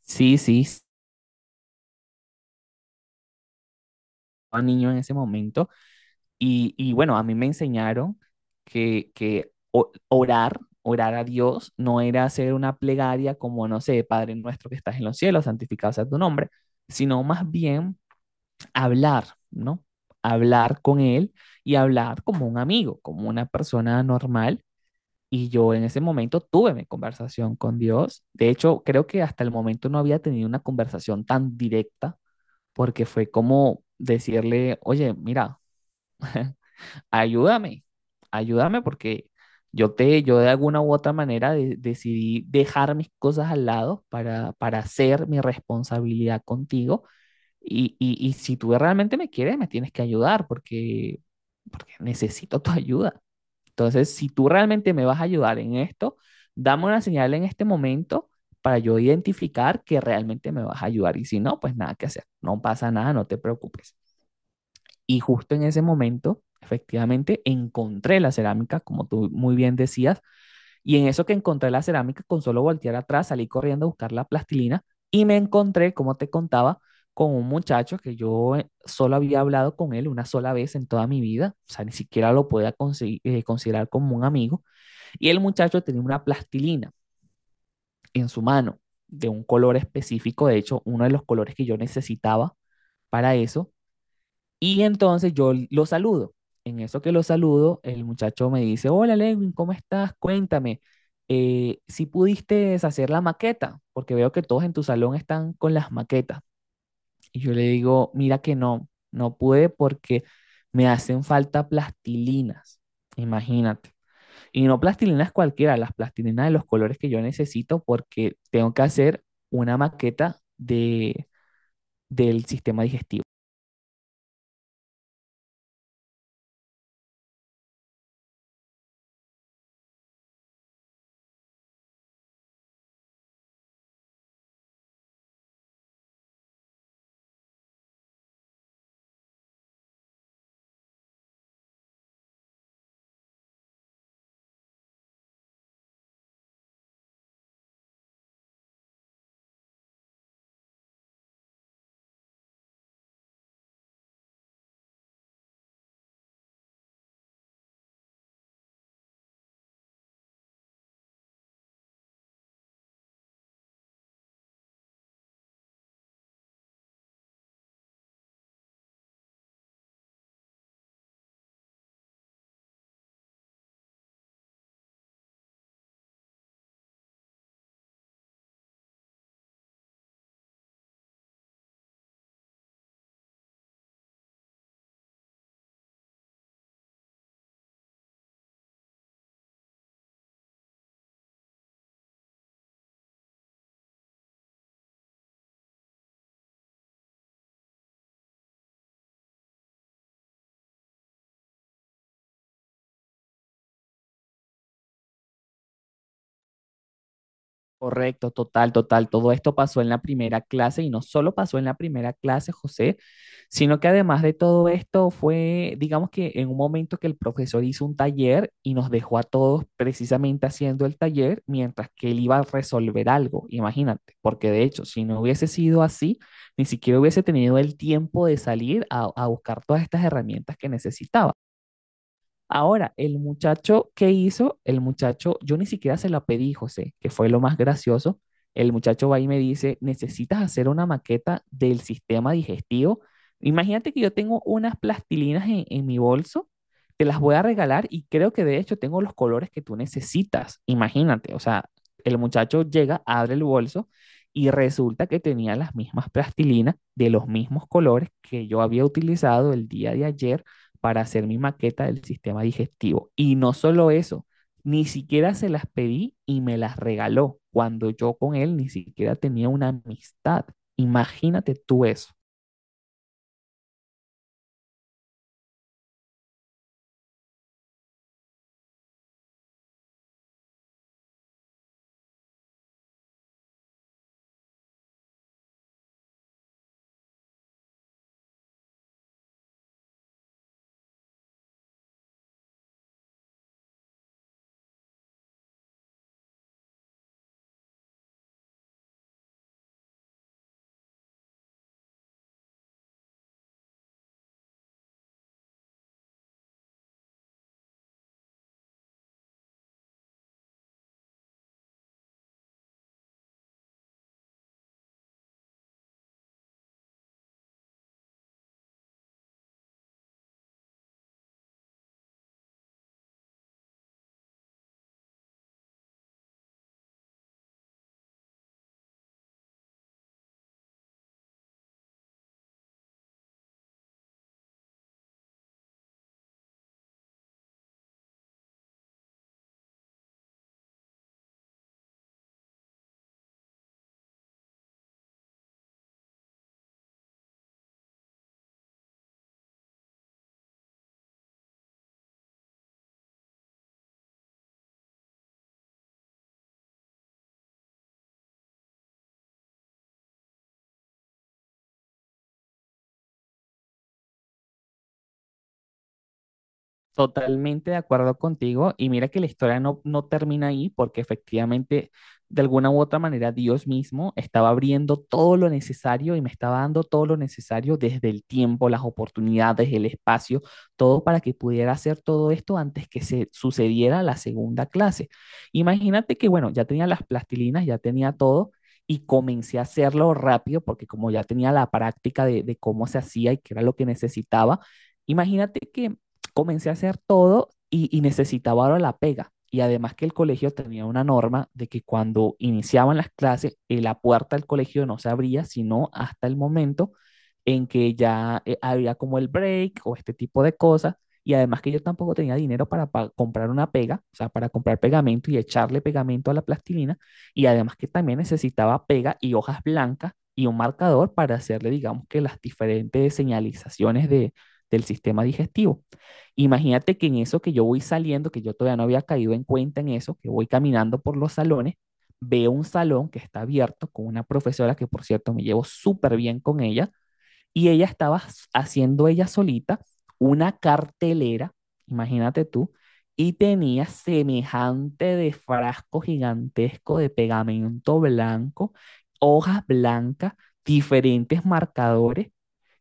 Sí, sí, sí, estaba niño en ese momento. Y bueno, a mí me enseñaron que orar a Dios, no era hacer una plegaria como, no sé, Padre nuestro que estás en los cielos, santificado sea tu nombre, sino más bien hablar, ¿no? Hablar con Él y hablar como un amigo, como una persona normal. Y yo en ese momento tuve mi conversación con Dios. De hecho, creo que hasta el momento no había tenido una conversación tan directa porque fue como decirle, oye, mira, ayúdame, ayúdame porque yo de alguna u otra manera decidí dejar mis cosas al lado para hacer mi responsabilidad contigo. Y si tú realmente me quieres, me tienes que ayudar porque necesito tu ayuda. Entonces, si tú realmente me vas a ayudar en esto, dame una señal en este momento para yo identificar que realmente me vas a ayudar. Y si no, pues nada que hacer. No pasa nada, no te preocupes. Y justo en ese momento, efectivamente, encontré la cerámica, como tú muy bien decías, y en eso que encontré la cerámica, con solo voltear atrás, salí corriendo a buscar la plastilina y me encontré, como te contaba, con un muchacho que yo solo había hablado con él una sola vez en toda mi vida, o sea, ni siquiera lo podía considerar como un amigo, y el muchacho tenía una plastilina en su mano de un color específico, de hecho, uno de los colores que yo necesitaba para eso, y entonces yo lo saludo. En eso que lo saludo, el muchacho me dice, hola Lewin, ¿cómo estás? Cuéntame, si pudiste hacer la maqueta, porque veo que todos en tu salón están con las maquetas. Y yo le digo, mira que no, no pude porque me hacen falta plastilinas, imagínate. Y no plastilinas cualquiera, las plastilinas de los colores que yo necesito porque tengo que hacer una maqueta del sistema digestivo. Correcto, total, total. Todo esto pasó en la primera clase y no solo pasó en la primera clase, José, sino que además de todo esto fue, digamos que en un momento que el profesor hizo un taller y nos dejó a todos precisamente haciendo el taller mientras que él iba a resolver algo, imagínate, porque de hecho, si no hubiese sido así, ni siquiera hubiese tenido el tiempo de salir a buscar todas estas herramientas que necesitaba. Ahora, el muchacho, ¿qué hizo? El muchacho, yo ni siquiera se la pedí, José, que fue lo más gracioso. El muchacho va y me dice, necesitas hacer una maqueta del sistema digestivo. Imagínate que yo tengo unas plastilinas en mi bolso, te las voy a regalar y creo que de hecho tengo los colores que tú necesitas. Imagínate, o sea, el muchacho llega, abre el bolso y resulta que tenía las mismas plastilinas de los mismos colores que yo había utilizado el día de ayer para hacer mi maqueta del sistema digestivo. Y no solo eso, ni siquiera se las pedí y me las regaló cuando yo con él ni siquiera tenía una amistad. Imagínate tú eso. Totalmente de acuerdo contigo. Y mira que la historia no, no termina ahí porque efectivamente, de alguna u otra manera, Dios mismo estaba abriendo todo lo necesario y me estaba dando todo lo necesario desde el tiempo, las oportunidades, el espacio, todo para que pudiera hacer todo esto antes que se sucediera la segunda clase. Imagínate que, bueno, ya tenía las plastilinas, ya tenía todo. Y comencé a hacerlo rápido porque como ya tenía la práctica de cómo se hacía y qué era lo que necesitaba, imagínate que comencé a hacer todo y necesitaba ahora la pega. Y además que el colegio tenía una norma de que cuando iniciaban las clases, la puerta del colegio no se abría, sino hasta el momento en que ya había como el break o este tipo de cosas. Y además que yo tampoco tenía dinero comprar una pega, o sea, para comprar pegamento y echarle pegamento a la plastilina. Y además que también necesitaba pega y hojas blancas y un marcador para hacerle, digamos que las diferentes señalizaciones del sistema digestivo. Imagínate que en eso que yo voy saliendo, que yo todavía no había caído en cuenta en eso, que voy caminando por los salones, veo un salón que está abierto con una profesora que, por cierto, me llevo súper bien con ella, y ella estaba haciendo ella solita una cartelera, imagínate tú, y tenía semejante de frasco gigantesco de pegamento blanco, hojas blancas, diferentes marcadores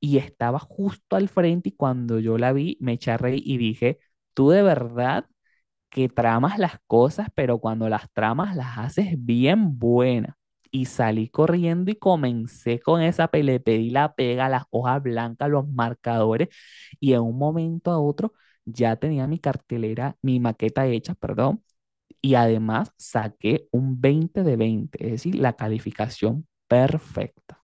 y estaba justo al frente y cuando yo la vi me eché a reír y dije, tú de verdad que tramas las cosas, pero cuando las tramas las haces bien buenas. Y salí corriendo y comencé con esa pele, le pedí la pega, las hojas blancas, los marcadores y en un momento a otro ya tenía mi cartelera, mi maqueta hecha, perdón, y además saqué un 20 de 20, es decir, la calificación perfecta.